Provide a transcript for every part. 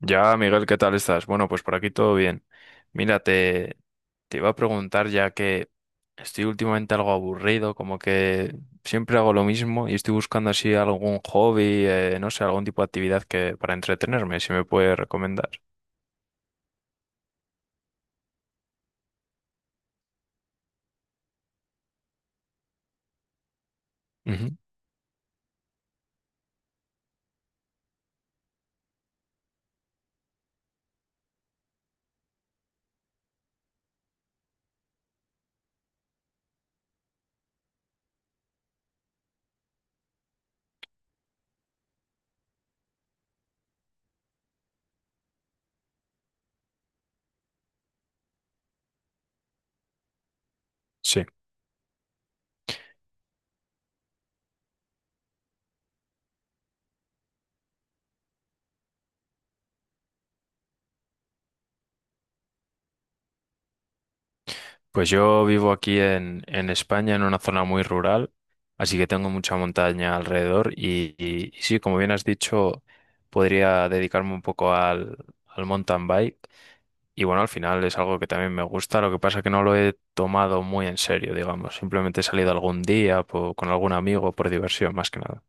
Ya, Miguel, ¿qué tal estás? Bueno, pues por aquí todo bien. Mira, te iba a preguntar ya que estoy últimamente algo aburrido, como que siempre hago lo mismo y estoy buscando así algún hobby, no sé, algún tipo de actividad que para entretenerme, si me puede recomendar. Ujú. Sí, pues yo vivo aquí en España, en una zona muy rural, así que tengo mucha montaña alrededor y sí, como bien has dicho, podría dedicarme un poco al mountain bike. Y bueno, al final es algo que también me gusta, lo que pasa es que no lo he tomado muy en serio, digamos. Simplemente he salido algún día con algún amigo por diversión, más que nada.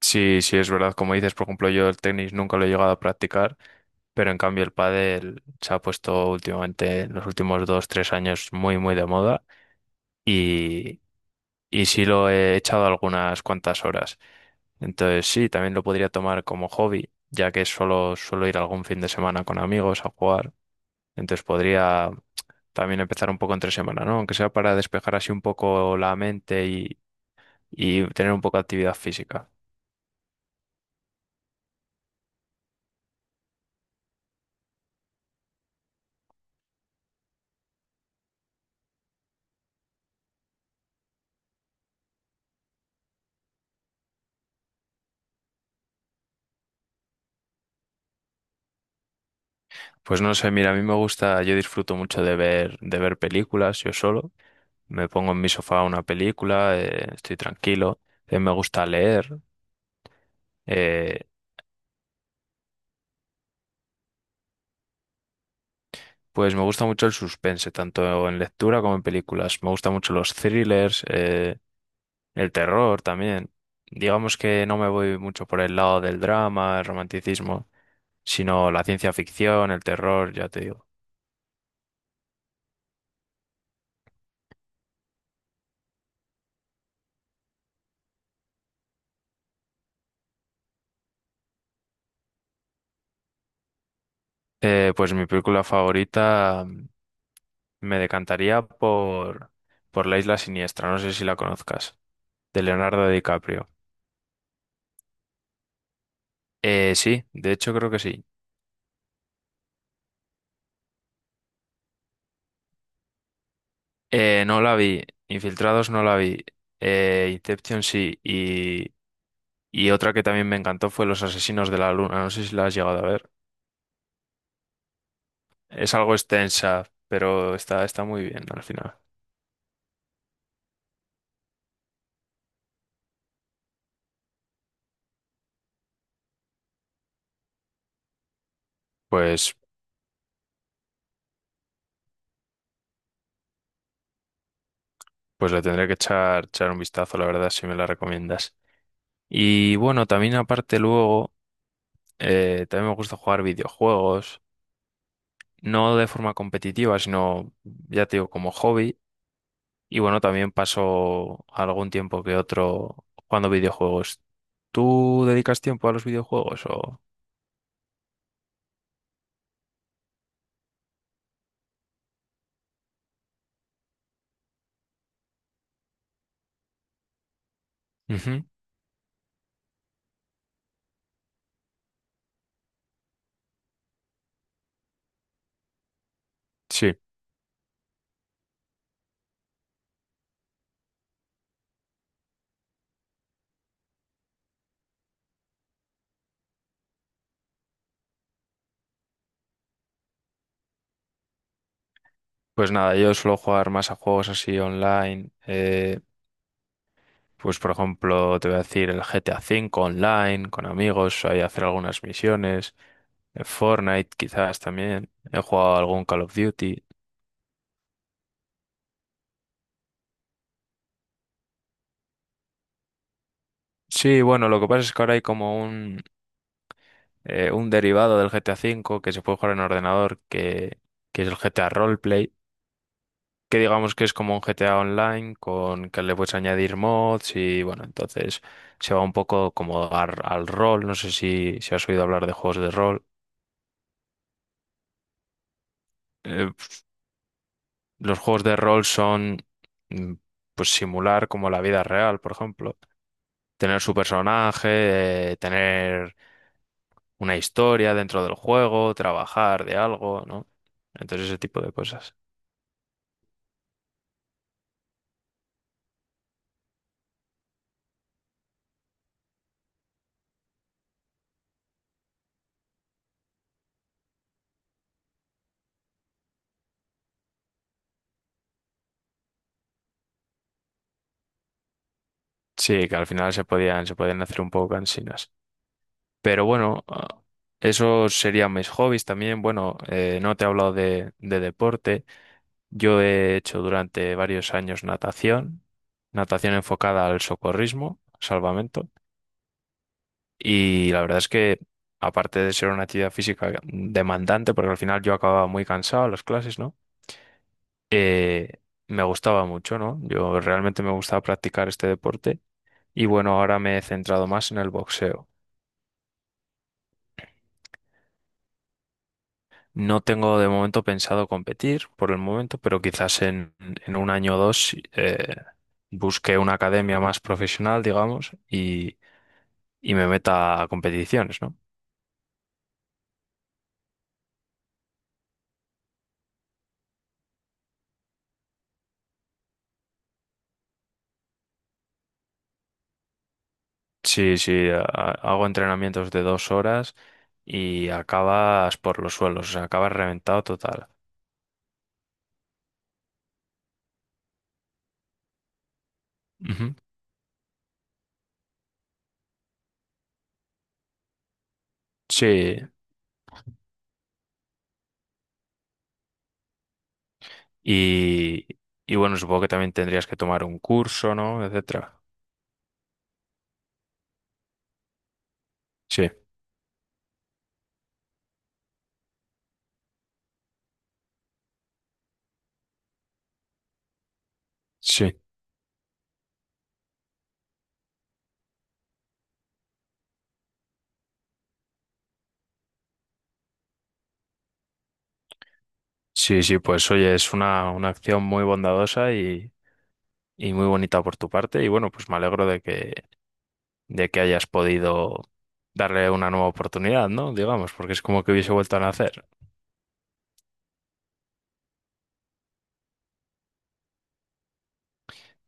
Sí, sí, es verdad, como dices, por ejemplo, yo el tenis nunca lo he llegado a practicar, pero en cambio el pádel se ha puesto últimamente, en los últimos 2, 3 años, muy, muy de moda y, y sí lo he echado algunas cuantas horas. Entonces sí, también lo podría tomar como hobby, ya que solo suelo ir algún fin de semana con amigos a jugar. Entonces podría también empezar un poco entre semana, ¿no? Aunque sea para despejar así un poco la mente y tener un poco de actividad física. Pues no sé, mira, a mí me gusta, yo disfruto mucho de ver películas yo solo. Me pongo en mi sofá una película, estoy tranquilo. Me gusta leer. eh, pues me gusta mucho el suspense, tanto en lectura como en películas. Me gustan mucho los thrillers. El terror también. Digamos que no me voy mucho por el lado del drama, el romanticismo, sino la ciencia ficción, el terror, ya te digo. Pues mi película favorita me decantaría por La Isla Siniestra, no sé si la conozcas, de Leonardo DiCaprio. Sí, de hecho creo que sí. No la vi, Infiltrados no la vi, Inception sí, y otra que también me encantó fue Los Asesinos de la Luna, no sé si la has llegado a ver. Es algo extensa, pero está muy bien al final. Pues, pues le tendré que echar un vistazo, la verdad, si me la recomiendas. Y bueno, también aparte luego, también me gusta jugar videojuegos, no de forma competitiva, sino, ya te digo, como hobby. Y bueno, también paso algún tiempo que otro jugando videojuegos. ¿Tú dedicas tiempo a los videojuegos o...? Ujú. Sí, pues nada, yo suelo jugar más a juegos así online. Pues por ejemplo, te voy a decir el GTA V online, con amigos, ahí hacer algunas misiones, el Fortnite quizás también, he jugado algún Call of Duty. Sí, bueno, lo que pasa es que ahora hay como un derivado del GTA V que se puede jugar en ordenador, que es el GTA Roleplay, que digamos que es como un GTA online con que le puedes añadir mods y bueno, entonces se va un poco como al rol, no sé si has oído hablar de juegos de rol. Eh, Los juegos de rol son mm, pues simular como la vida real, por ejemplo. Tener su personaje, tener una historia dentro del juego, trabajar de algo, ¿no? Entonces ese tipo de cosas. Sí, que al final se podían hacer un poco cansinas. Pero bueno, esos serían mis hobbies también. Bueno, no te he hablado de deporte. Yo he hecho durante varios años natación enfocada al socorrismo, salvamento. Y la verdad es que, aparte de ser una actividad física demandante, porque al final yo acababa muy cansado en las clases, ¿no? Eh, Me gustaba mucho, ¿no? Yo realmente me gustaba practicar este deporte y bueno, ahora me he centrado más en el boxeo. No tengo de momento pensado competir por el momento, pero quizás en un año o dos busque una academia más profesional, digamos, y me meta a competiciones, ¿no? Sí, sí, hago entrenamientos de 2 horas y acabas por los suelos, o sea, acabas reventado total. Ujú. Sí, y, y bueno, supongo que también tendrías que tomar un curso, ¿no? Etcétera. Sí, sí, sí, sí, pues oye, es una acción muy bondadosa y muy bonita por tu parte y bueno, pues me alegro de que hayas podido darle una nueva oportunidad, ¿no? Digamos, porque es como que hubiese vuelto a nacer.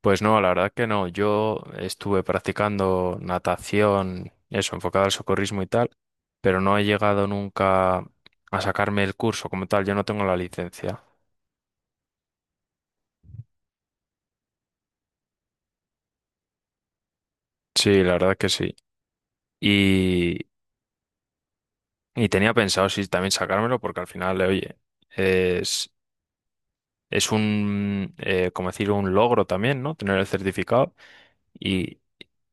Pues no, la verdad que no. Yo estuve practicando natación, eso, enfocado al socorrismo y tal, pero no he llegado nunca a sacarme el curso como tal. Yo no tengo la licencia. Sí, la verdad que sí. Y, y tenía pensado, sí, también sacármelo porque al final, oye, es, es un, como decir, un logro también, ¿no? Tener el certificado y,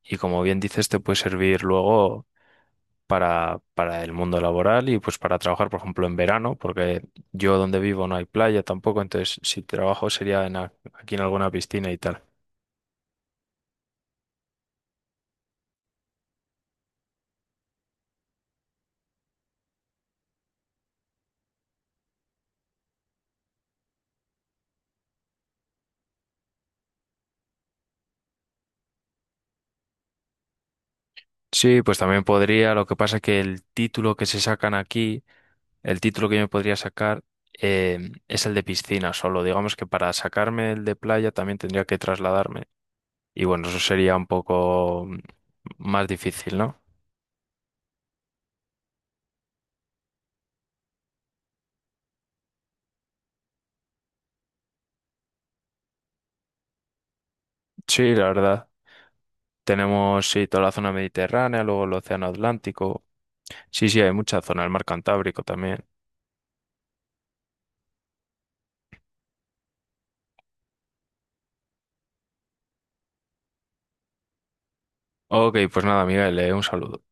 y como bien dices, te puede servir luego. Para el mundo laboral y pues para trabajar, por ejemplo, en verano, porque yo donde vivo no hay playa tampoco, entonces si trabajo sería en, aquí en alguna piscina y tal. Sí, pues también podría, lo que pasa que el título que se sacan aquí, el título que yo me podría sacar es el de piscina solo. Digamos que para sacarme el de playa también tendría que trasladarme. Y bueno, eso sería un poco más difícil, ¿no? Sí, la verdad. Tenemos, sí, toda la zona mediterránea, luego el océano Atlántico. Sí, sí, hay mucha zona, el mar Cantábrico también. Ok, pues nada, Miguel, un saludo.